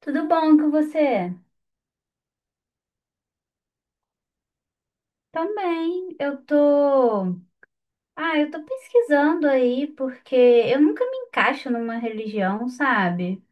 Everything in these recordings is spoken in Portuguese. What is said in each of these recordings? Tudo bom com você? Também, eu tô. Ah, eu tô pesquisando aí porque eu nunca me encaixo numa religião, sabe?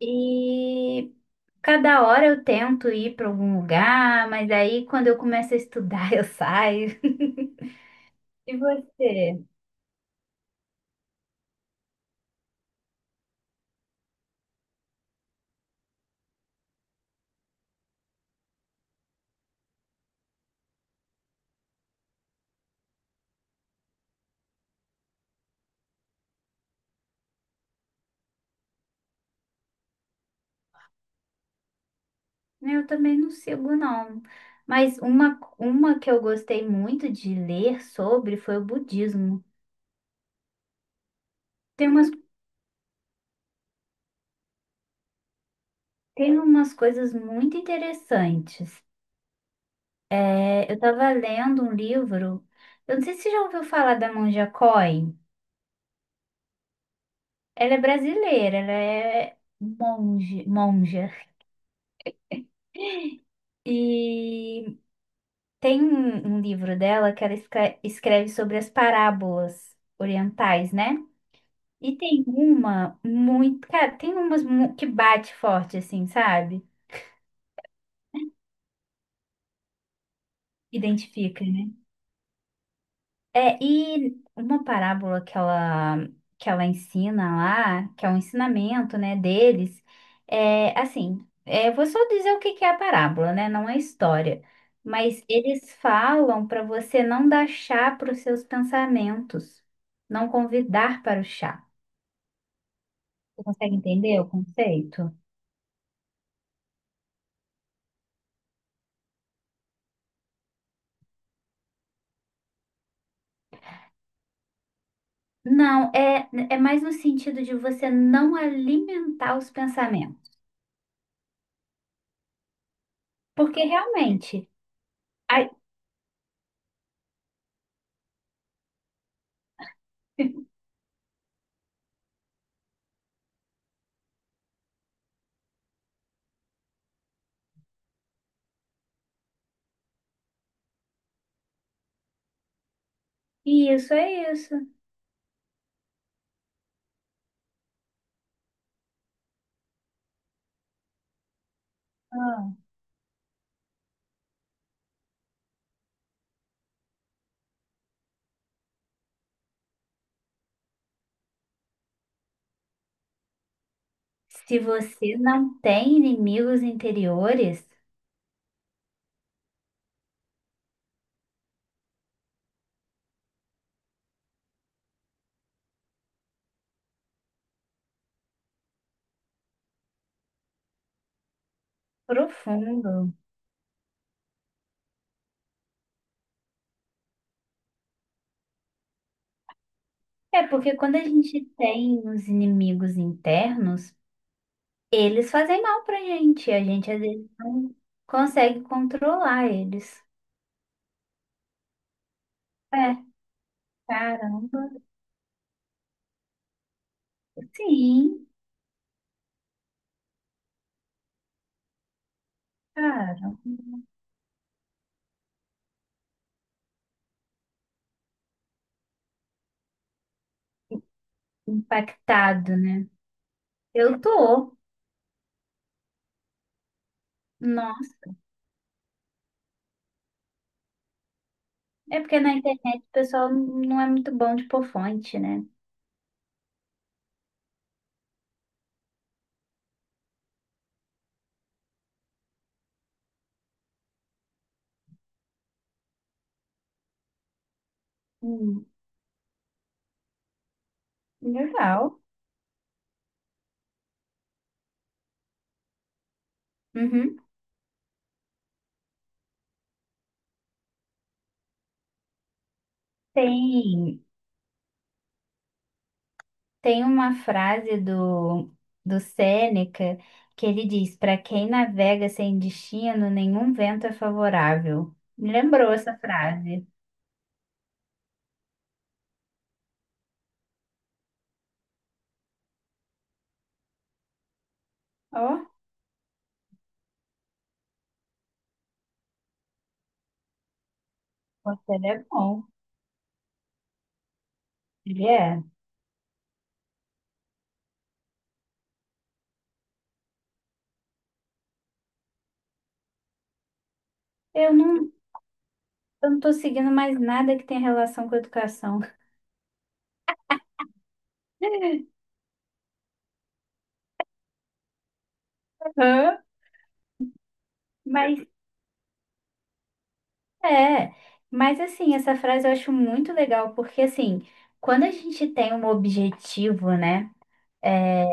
E cada hora eu tento ir para algum lugar, mas aí quando eu começo a estudar eu saio. E você? Eu também não sigo, não. Mas uma que eu gostei muito de ler sobre foi o budismo. Tem umas, tem umas coisas muito interessantes. É, eu estava lendo um livro, eu não sei se você já ouviu falar da Monja Coen. Ela é brasileira, ela é monja. E tem um livro dela que ela escreve sobre as parábolas orientais, né? E tem uma muito, cara, tem umas que bate forte, assim, sabe? Identifica. É, e uma parábola que ela ensina lá, que é um ensinamento, né, deles, é assim, é, eu vou só dizer o que que é a parábola, né, não é história, mas eles falam para você não dar chá para os seus pensamentos, não convidar para o chá. Você consegue entender o conceito? Não, é, é mais no sentido de você não alimentar os pensamentos, porque realmente, a- isso é isso. Se você não tem inimigos interiores, profundo. É porque quando a gente tem os inimigos internos, eles fazem mal pra gente. A gente às vezes não consegue controlar eles. É, caramba. Sim, cara. Impactado, né? Eu tô. Nossa. É porque na internet o pessoal não é muito bom de pôr fonte, né? Hum, legal. Uhum. Tem. Tem uma frase do, do Sêneca que ele diz: para quem navega sem destino, nenhum vento é favorável. Me lembrou essa frase. Ó, você é bom. Ele é. Eu não, eu não tô seguindo mais nada que tenha relação com educação. Hã? Mas é. Mas assim, essa frase eu acho muito legal, porque assim, quando a gente tem um objetivo, né? É,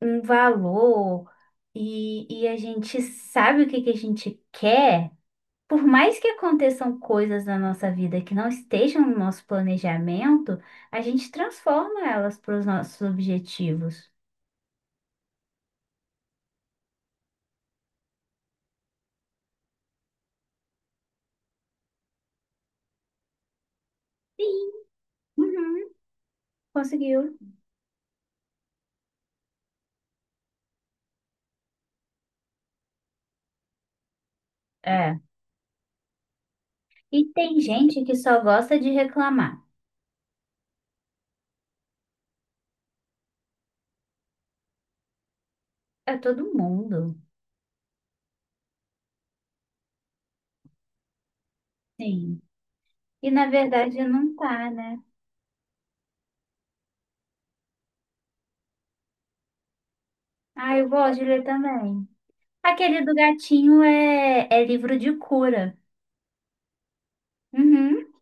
um e a gente sabe o que que a gente quer, por mais que aconteçam coisas na nossa vida que não estejam no nosso planejamento, a gente transforma elas para os nossos objetivos. Uhum, conseguiu. É. E tem gente que só gosta de reclamar. É todo mundo. Sim. E na verdade não tá, né? Ah, eu gosto de ler também. Aquele do gatinho é livro de cura. Uhum.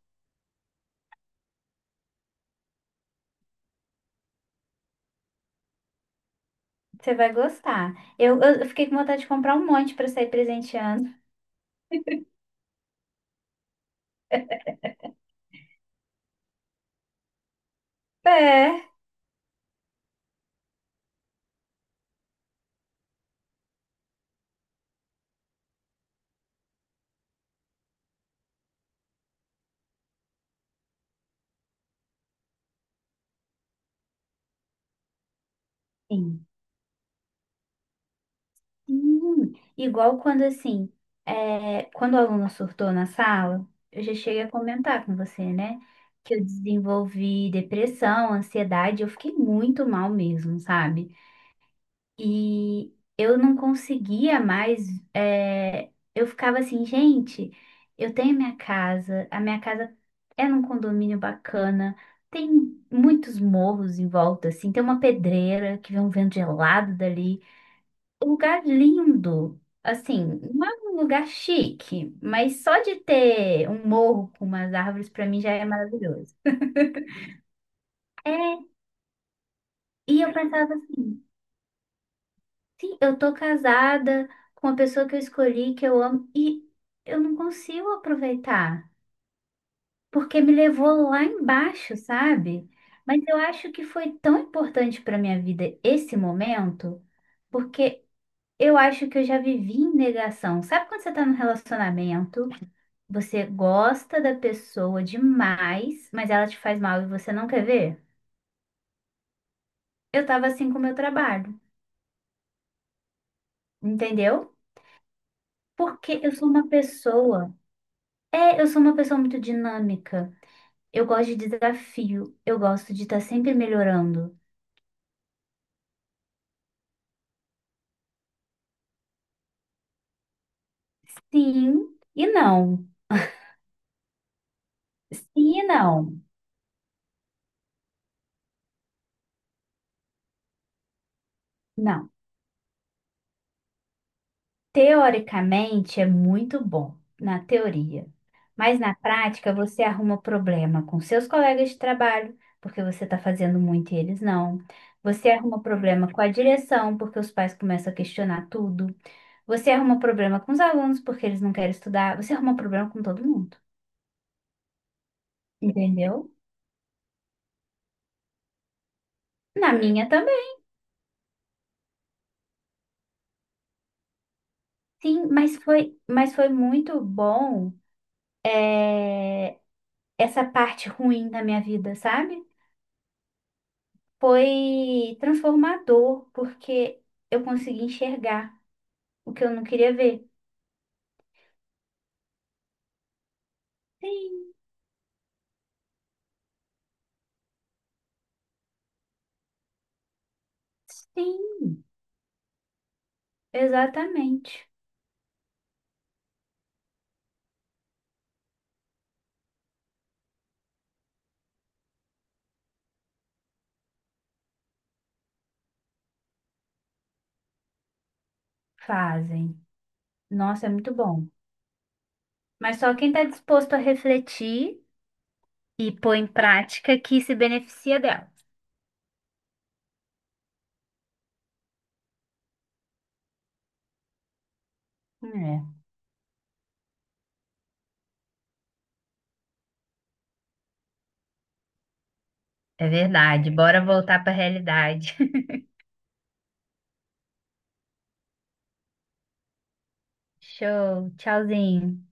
Você vai gostar. Eu fiquei com vontade de comprar um monte para sair presenteando. É. Sim. Igual quando assim, é, quando o aluno surtou na sala, eu já cheguei a comentar com você, né? Que eu desenvolvi depressão, ansiedade, eu fiquei muito mal mesmo, sabe? E eu não conseguia mais. É, eu ficava assim, gente, eu tenho minha casa, a minha casa é num condomínio bacana, tem muitos morros em volta, assim, tem uma pedreira que vem um vento gelado dali. Um lugar lindo, assim, não é um lugar chique, mas só de ter um morro com umas árvores, para mim já é maravilhoso. É, e eu pensava assim. Sim, eu tô casada com a pessoa que eu escolhi, que eu amo, e eu não consigo aproveitar, porque me levou lá embaixo, sabe? Mas eu acho que foi tão importante para minha vida esse momento, porque eu acho que eu já vivi em negação. Sabe quando você tá num relacionamento, você gosta da pessoa demais, mas ela te faz mal e você não quer ver? Eu tava assim com o meu trabalho, entendeu? Porque eu sou uma pessoa. É, eu sou uma pessoa muito dinâmica. Eu gosto de desafio. Eu gosto de estar sempre melhorando. Sim e não. Sim e não. Não. Teoricamente é muito bom, na teoria. Mas na prática você arruma problema com seus colegas de trabalho, porque você está fazendo muito e eles não. Você arruma problema com a direção, porque os pais começam a questionar tudo. Você arruma problema com os alunos, porque eles não querem estudar. Você arruma problema com todo mundo. Entendeu? Na minha também, sim, mas foi muito bom é, essa parte ruim da minha vida, sabe? Foi transformador, porque eu consegui enxergar o que eu não queria ver. Sim, sim, exatamente. Fazem. Nossa, é muito bom. Mas só quem está disposto a refletir e pôr em prática que se beneficia dela. É, é verdade. Bora voltar para a realidade. Show, tchauzinho.